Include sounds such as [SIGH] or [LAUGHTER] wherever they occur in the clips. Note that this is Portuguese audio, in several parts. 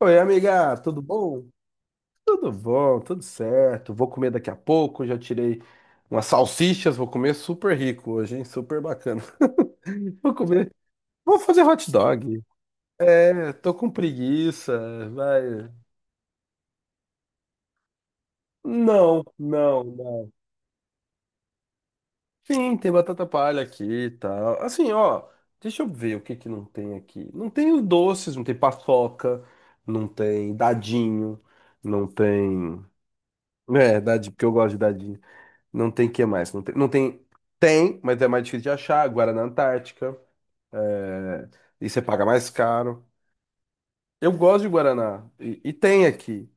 Oi, amiga, tudo bom? Tudo bom, tudo certo. Vou comer daqui a pouco. Já tirei umas salsichas, vou comer super rico hoje, hein? Super bacana. [LAUGHS] Vou comer. Vou fazer hot dog. É, tô com preguiça, vai. Não, não, não. Sim, tem batata palha aqui e tal. Assim, ó, deixa eu ver o que que não tem aqui. Não tem os doces, não tem paçoca, não tem dadinho, não tem. É, dadinho, porque eu gosto de dadinho. Não tem que mais. Não tem, não tem. Tem, mas é mais difícil de achar. Guaraná Antártica. é, E você paga mais caro. Eu gosto de Guaraná. E tem aqui.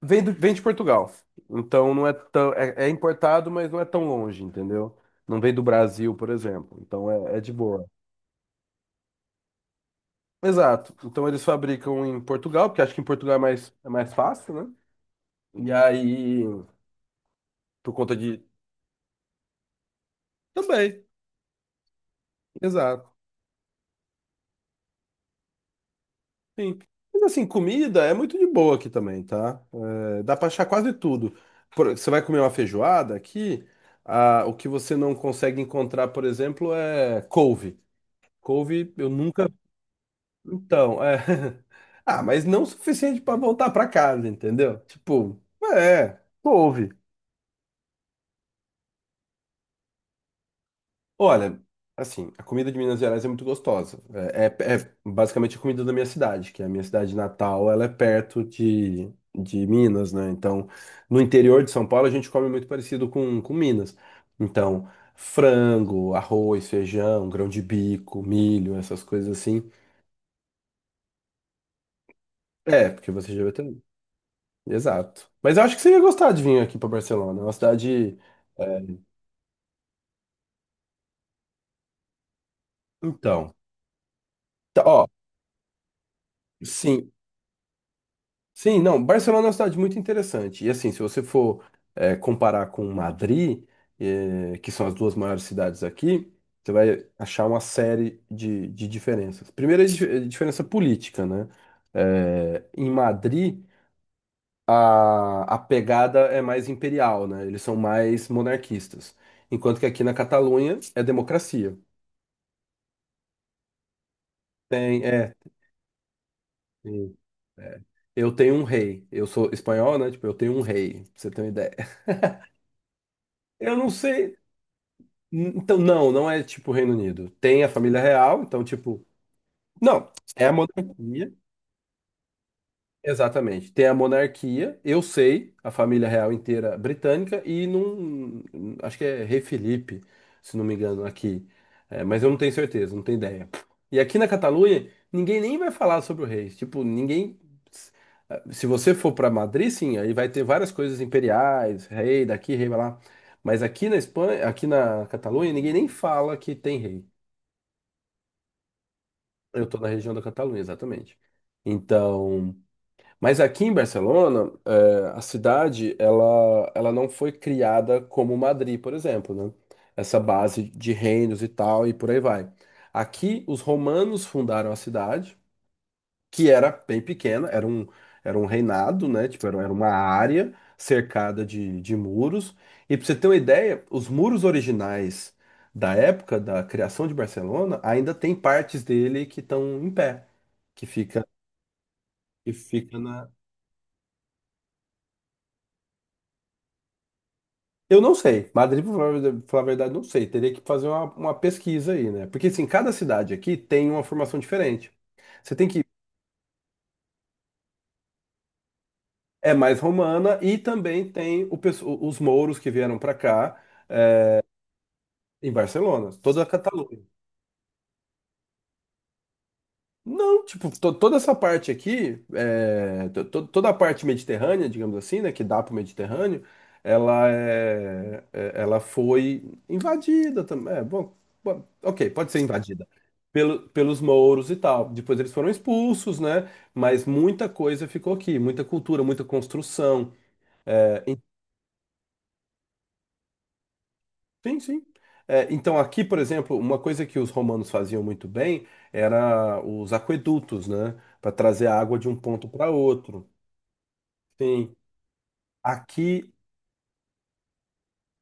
Vem de Portugal. Então não é tão. É importado, mas não é tão longe, entendeu? Não vem do Brasil, por exemplo. Então é de boa. Exato. Então eles fabricam em Portugal, porque acho que em Portugal é mais fácil, né? E aí, por conta de. Também. Exato. Sim. Mas assim, comida é muito de boa aqui também, tá? É, dá pra achar quase tudo. Você vai comer uma feijoada aqui, ah, o que você não consegue encontrar, por exemplo, é couve. Couve eu nunca. Então, é. [LAUGHS] Ah, mas não o suficiente pra voltar pra casa, entendeu? Tipo, couve. Olha, assim, a comida de Minas Gerais é muito gostosa. É basicamente a comida da minha cidade, que é a minha cidade natal, ela é perto de Minas, né? Então, no interior de São Paulo, a gente come muito parecido com Minas. Então, frango, arroz, feijão, grão de bico, milho, essas coisas assim. É, porque você já vai ter. Exato. Mas eu acho que você ia gostar de vir aqui para Barcelona. É uma cidade. é, Então, ó, sim, sim, não, Barcelona é uma cidade muito interessante. E assim, se você for comparar com Madrid, que são as duas maiores cidades aqui, você vai achar uma série de diferenças. Primeira é diferença política, né? Em Madrid, a pegada é mais imperial, né? Eles são mais monarquistas. Enquanto que aqui na Catalunha é democracia. Tem, é, tem- é. Eu tenho um rei. Eu sou espanhol, né? Tipo, eu tenho um rei, pra você ter uma ideia. Eu não sei, então, não, não é tipo Reino Unido. Tem a família real, então, tipo. Não, é a monarquia. Exatamente. Tem a monarquia, eu sei, a família real inteira britânica, e num. Acho que é Rei Felipe, se não me engano, aqui. É, mas eu não tenho certeza, não tenho ideia. E aqui na Catalunha, ninguém nem vai falar sobre o rei. Tipo, ninguém. Se você for para Madrid, sim, aí vai ter várias coisas imperiais, rei daqui, rei lá. Mas aqui na Espanha, aqui na Catalunha, ninguém nem fala que tem rei. Eu estou na região da Catalunha, exatamente. Então, mas aqui em Barcelona, a cidade, ela não foi criada como Madrid, por exemplo, né? Essa base de reinos e tal, e por aí vai. Aqui, os romanos fundaram a cidade, que era bem pequena, era um reinado, né? Tipo, era uma área cercada de muros. E para você ter uma ideia, os muros originais da época da criação de Barcelona ainda tem partes dele que estão em pé, que fica, que fica na. Eu não sei, Madrid, pra falar a verdade, não sei. Teria que fazer uma pesquisa aí, né? Porque assim, cada cidade aqui tem uma formação diferente. Você tem que. É mais romana e também tem os mouros que vieram para cá. Em Barcelona, toda a Catalunha. Não, tipo, toda essa parte aqui, toda a parte mediterrânea, digamos assim, né, que dá pro Mediterrâneo, ela foi invadida também. É, bom, ok, pode ser invadida pelos mouros e tal. Depois eles foram expulsos, né? Mas muita coisa ficou aqui, muita cultura, muita construção. É, sim, sim. É, então, aqui, por exemplo, uma coisa que os romanos faziam muito bem era os aquedutos, né? Para trazer água de um ponto para outro. Sim. Aqui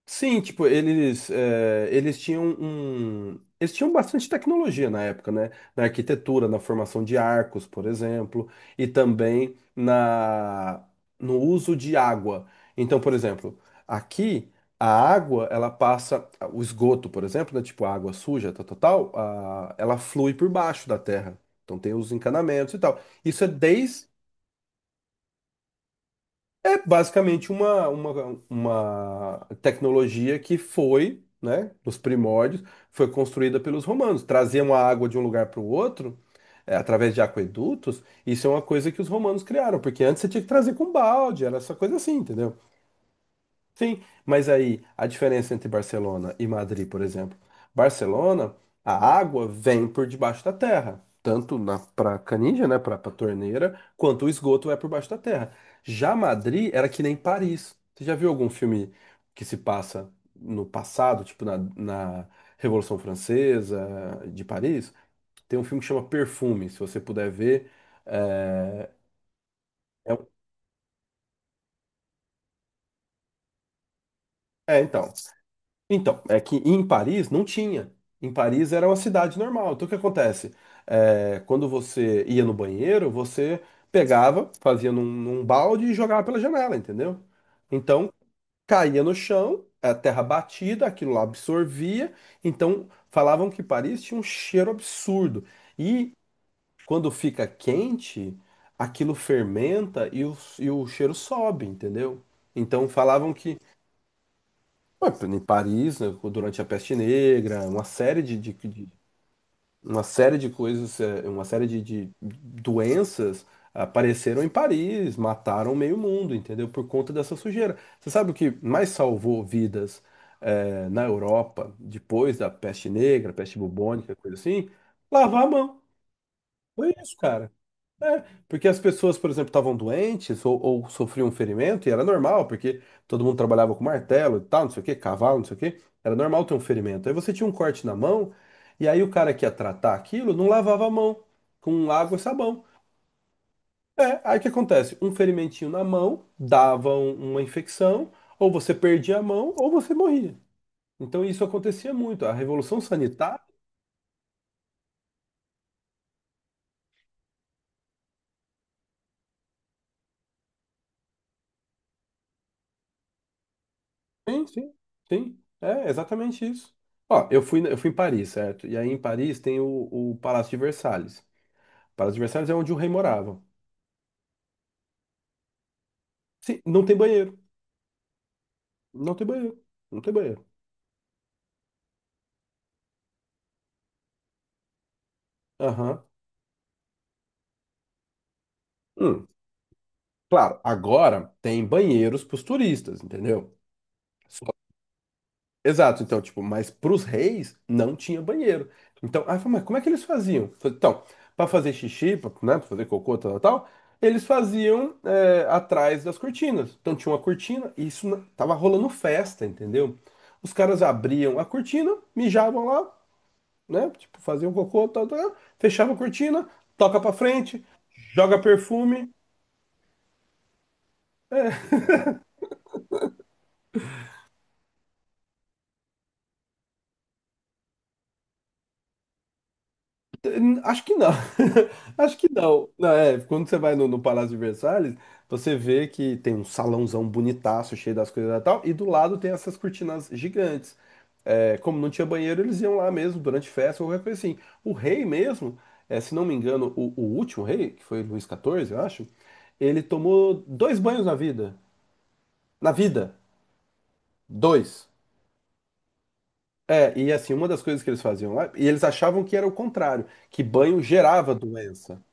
sim, tipo, eles tinham um. Eles tinham bastante tecnologia na época, né? Na arquitetura, na formação de arcos, por exemplo, e também na, no uso de água. Então, por exemplo, aqui a água, ela passa. O esgoto, por exemplo, né? Tipo, a água suja, tal, tal, tal, ela flui por baixo da terra. Então tem os encanamentos e tal. Isso é desde. É basicamente uma tecnologia que foi, né, nos primórdios, foi construída pelos romanos. Traziam a água de um lugar para o outro, através de aquedutos. Isso é uma coisa que os romanos criaram, porque antes você tinha que trazer com balde, era essa coisa assim, entendeu? Sim, mas aí a diferença entre Barcelona e Madrid, por exemplo. Barcelona, a água vem por debaixo da terra, tanto na para canija, né, para torneira, quanto o esgoto é por baixo da terra. Já Madrid era que nem Paris. Você já viu algum filme que se passa no passado, tipo na Revolução Francesa de Paris? Tem um filme que chama Perfume, se você puder ver. É, é, um, então. Então, é que em Paris não tinha. Em Paris era uma cidade normal. Então o que acontece? É, quando você ia no banheiro, você pegava, fazia num balde e jogava pela janela, entendeu? Então caía no chão, a terra batida, aquilo lá absorvia. Então falavam que Paris tinha um cheiro absurdo. E quando fica quente, aquilo fermenta e o cheiro sobe, entendeu? Então falavam que, pô, em Paris, né, durante a Peste Negra, uma série de, uma série de coisas, uma série de doenças apareceram em Paris, mataram meio mundo, entendeu? Por conta dessa sujeira. Você sabe o que mais salvou vidas, na Europa depois da Peste Negra, peste bubônica, coisa assim? Lavar a mão. Foi isso, cara. É, porque as pessoas, por exemplo, estavam doentes ou sofriam um ferimento, e era normal, porque todo mundo trabalhava com martelo e tal, não sei o quê, cavalo, não sei o quê. Era normal ter um ferimento. Aí você tinha um corte na mão, e aí o cara que ia tratar aquilo não lavava a mão com água e sabão. É, aí o que acontece? Um ferimentinho na mão dava uma infecção, ou você perdia a mão, ou você morria. Então isso acontecia muito. A revolução sanitária. Sim, sim, sim. É exatamente isso. Ó, eu fui em Paris, certo? E aí em Paris tem o Palácio de Versalhes. O Palácio de Versalhes é onde o rei morava. Sim, não tem banheiro. Não tem banheiro. Não tem banheiro. Aham. Hum, claro, agora tem banheiros para os turistas, entendeu? Exato, então, tipo, mas pros reis não tinha banheiro. Então, aí eu falei, mas como é que eles faziam? Falei, então, para fazer xixi, pra, né, para fazer cocô, tal, tal, tal, eles faziam atrás das cortinas. Então tinha uma cortina e isso tava rolando festa, entendeu? Os caras abriam a cortina, mijavam lá, né, tipo, faziam cocô, tal, tal, fechavam a cortina, toca pra frente, joga perfume. Acho que não. [LAUGHS] Acho que não. Não, é, quando você vai no Palácio de Versalhes, você vê que tem um salãozão bonitaço, cheio das coisas e tal, e do lado tem essas cortinas gigantes. É, como não tinha banheiro, eles iam lá mesmo durante festa ou qualquer coisa assim. O rei mesmo, se não me engano, o último rei, que foi Luís XIV, eu acho, ele tomou dois banhos na vida. Na vida, dois. É, e assim, uma das coisas que eles faziam lá, e eles achavam que era o contrário, que banho gerava doença.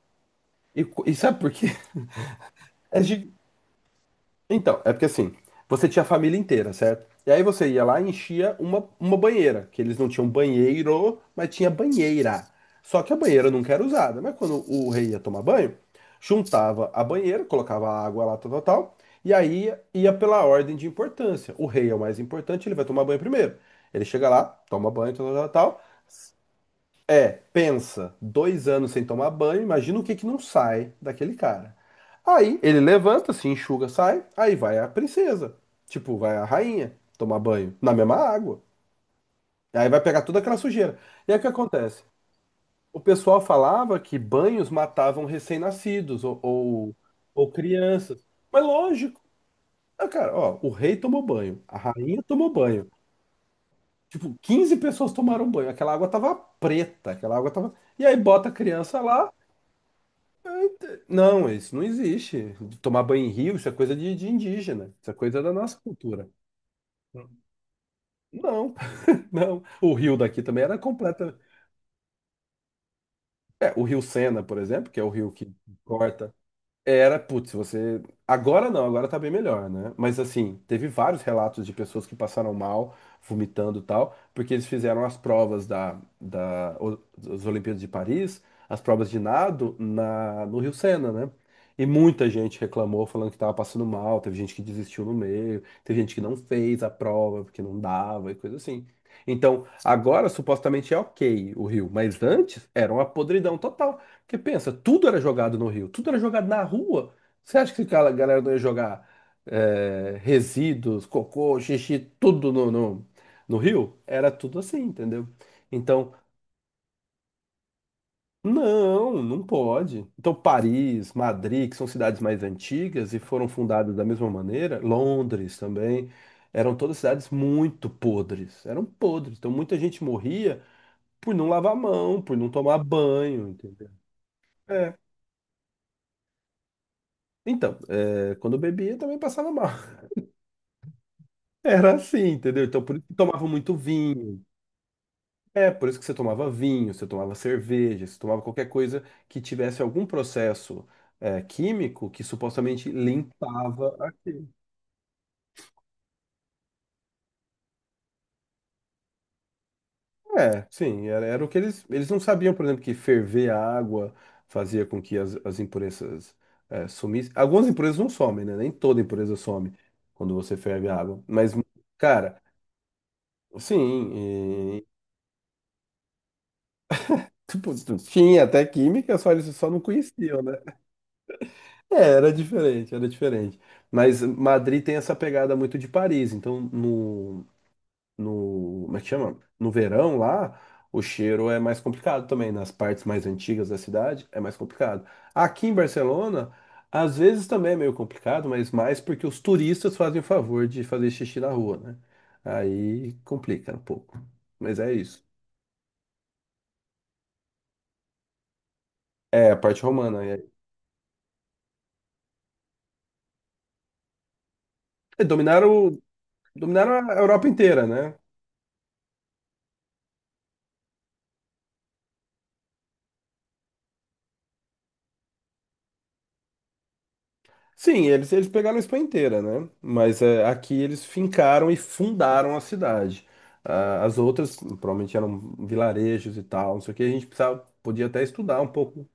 E sabe por quê? É gi- Então, é porque assim, você tinha a família inteira, certo? E aí você ia lá e enchia uma banheira, que eles não tinham banheiro, mas tinha banheira. Só que a banheira nunca era usada, mas quando o rei ia tomar banho, juntava a banheira, colocava a água lá, tal, tal, tal, e aí ia pela ordem de importância. O rei é o mais importante, ele vai tomar banho primeiro. Ele chega lá, toma banho, tal, tal, tal, tal. É, pensa, 2 anos sem tomar banho, imagina o que que não sai daquele cara. Aí ele levanta, se enxuga, sai, aí vai a princesa, tipo, vai a rainha tomar banho na mesma água. Aí vai pegar toda aquela sujeira. E aí o que acontece? O pessoal falava que banhos matavam recém-nascidos ou, ou crianças. Mas lógico, ah, cara, ó, o rei tomou banho, a rainha tomou banho. Tipo, 15 pessoas tomaram banho, aquela água tava preta, aquela água tava. E aí bota a criança lá. Não, isso não existe. Tomar banho em rio, isso é coisa de indígena. Isso é coisa da nossa cultura. Não, [LAUGHS] não. O rio daqui também era completa. É, o rio Sena, por exemplo, que é o rio que corta. Era, putz, você. Agora não, agora tá bem melhor, né? Mas assim, teve vários relatos de pessoas que passaram mal, vomitando e tal, porque eles fizeram as provas das Olimpíadas de Paris, as provas de nado no Rio Sena, né? E muita gente reclamou falando que tava passando mal, teve gente que desistiu no meio, teve gente que não fez a prova porque não dava e coisa assim. Então, agora supostamente é ok o Rio, mas antes era uma podridão total. Porque pensa, tudo era jogado no Rio, tudo era jogado na rua. Você acha que aquela galera não ia jogar resíduos, cocô, xixi, tudo no Rio? Era tudo assim, entendeu? Então, não, não pode. Então, Paris, Madrid, que são cidades mais antigas e foram fundadas da mesma maneira, Londres também, eram todas cidades muito podres. Eram podres. Então, muita gente morria por não lavar a mão, por não tomar banho, entendeu? É. Então, quando eu bebia, eu também passava mal. [LAUGHS] Era assim, entendeu? Então, por isso que tomava muito vinho. É, por isso que você tomava vinho, você tomava cerveja, você tomava qualquer coisa que tivesse algum processo, químico que supostamente limpava aquilo. É, sim, era o que eles. Eles não sabiam, por exemplo, que ferver a água fazia com que as impurezas, sumissem. Algumas impurezas não somem, né? Nem toda impureza some quando você ferve a água. Mas, cara. Sim. Tipo, tinha até química, só eles só não conheciam, né? É, era diferente, era diferente. Mas Madrid tem essa pegada muito de Paris, então no, no, como é que chama? No verão lá, o cheiro é mais complicado também, nas partes mais antigas da cidade é mais complicado. Aqui em Barcelona, às vezes também é meio complicado, mas mais porque os turistas fazem o favor de fazer xixi na rua, né? Aí complica um pouco. Mas é isso. É, a parte romana. É. É, Dominaram, Dominaram a Europa inteira, né? Sim, eles pegaram a Espanha inteira, né? Mas aqui eles fincaram e fundaram a cidade. Ah, as outras provavelmente eram vilarejos e tal, não sei o que. A gente precisava, podia até estudar um pouco.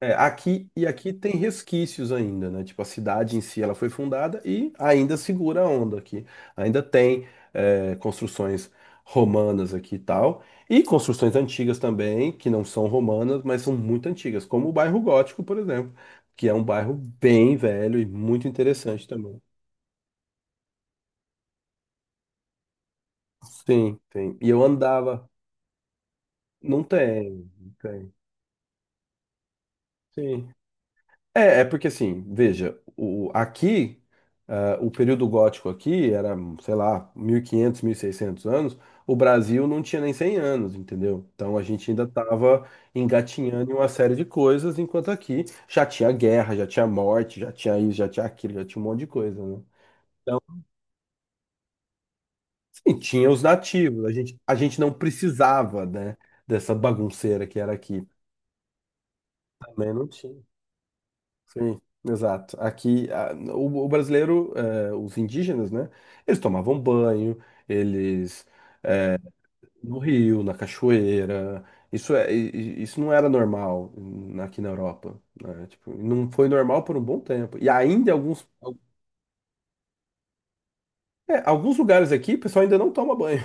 É, aqui e aqui tem resquícios ainda, né? Tipo, a cidade em si ela foi fundada e ainda segura a onda aqui. Ainda tem construções romanas aqui e tal. E construções antigas também, que não são romanas, mas são muito antigas, como o bairro Gótico, por exemplo, que é um bairro bem velho e muito interessante também. Sim, tem. E eu andava. Não tem, não tem. Sim. É, porque assim, veja, aqui, o período gótico aqui era, sei lá, mil e quinhentos, 1600 anos, o Brasil não tinha nem 100 anos, entendeu? Então a gente ainda estava engatinhando em uma série de coisas, enquanto aqui já tinha guerra, já tinha morte, já tinha isso, já tinha aquilo, já tinha um monte de coisa, né? Então, assim, tinha os nativos, a gente não precisava, né, dessa bagunceira que era aqui. Também não tinha. Sim, exato. Aqui, o brasileiro, os indígenas, né? Eles tomavam banho, eles no rio, na cachoeira. Isso não era normal aqui na Europa, né? Tipo, não foi normal por um bom tempo. E ainda alguns lugares aqui, o pessoal ainda não toma banho.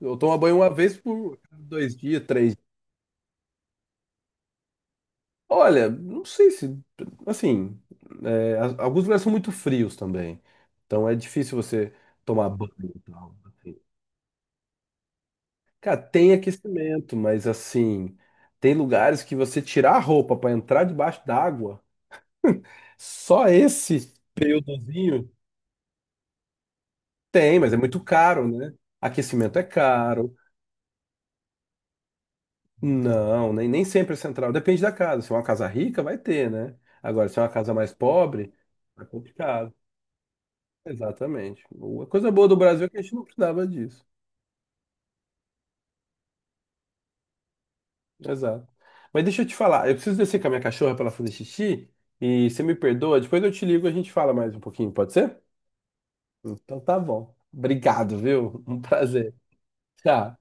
Eu tomo banho uma vez por 2 dias, três. Olha, não sei se. Assim, alguns lugares são muito frios também. Então é difícil você tomar banho e tal, assim. Cara, tem aquecimento, mas assim, tem lugares que você tirar a roupa para entrar debaixo d'água. [LAUGHS] Só esse períodozinho tem, mas é muito caro, né? Aquecimento é caro. Não, nem sempre é central. Depende da casa. Se é uma casa rica, vai ter, né? Agora, se é uma casa mais pobre, é complicado. Exatamente. A coisa boa do Brasil é que a gente não precisava disso. Exato. Mas deixa eu te falar, eu preciso descer com a minha cachorra para ela fazer xixi e você me perdoa, depois eu te ligo e a gente fala mais um pouquinho, pode ser? Então tá bom. Obrigado, viu? Um prazer. Tchau.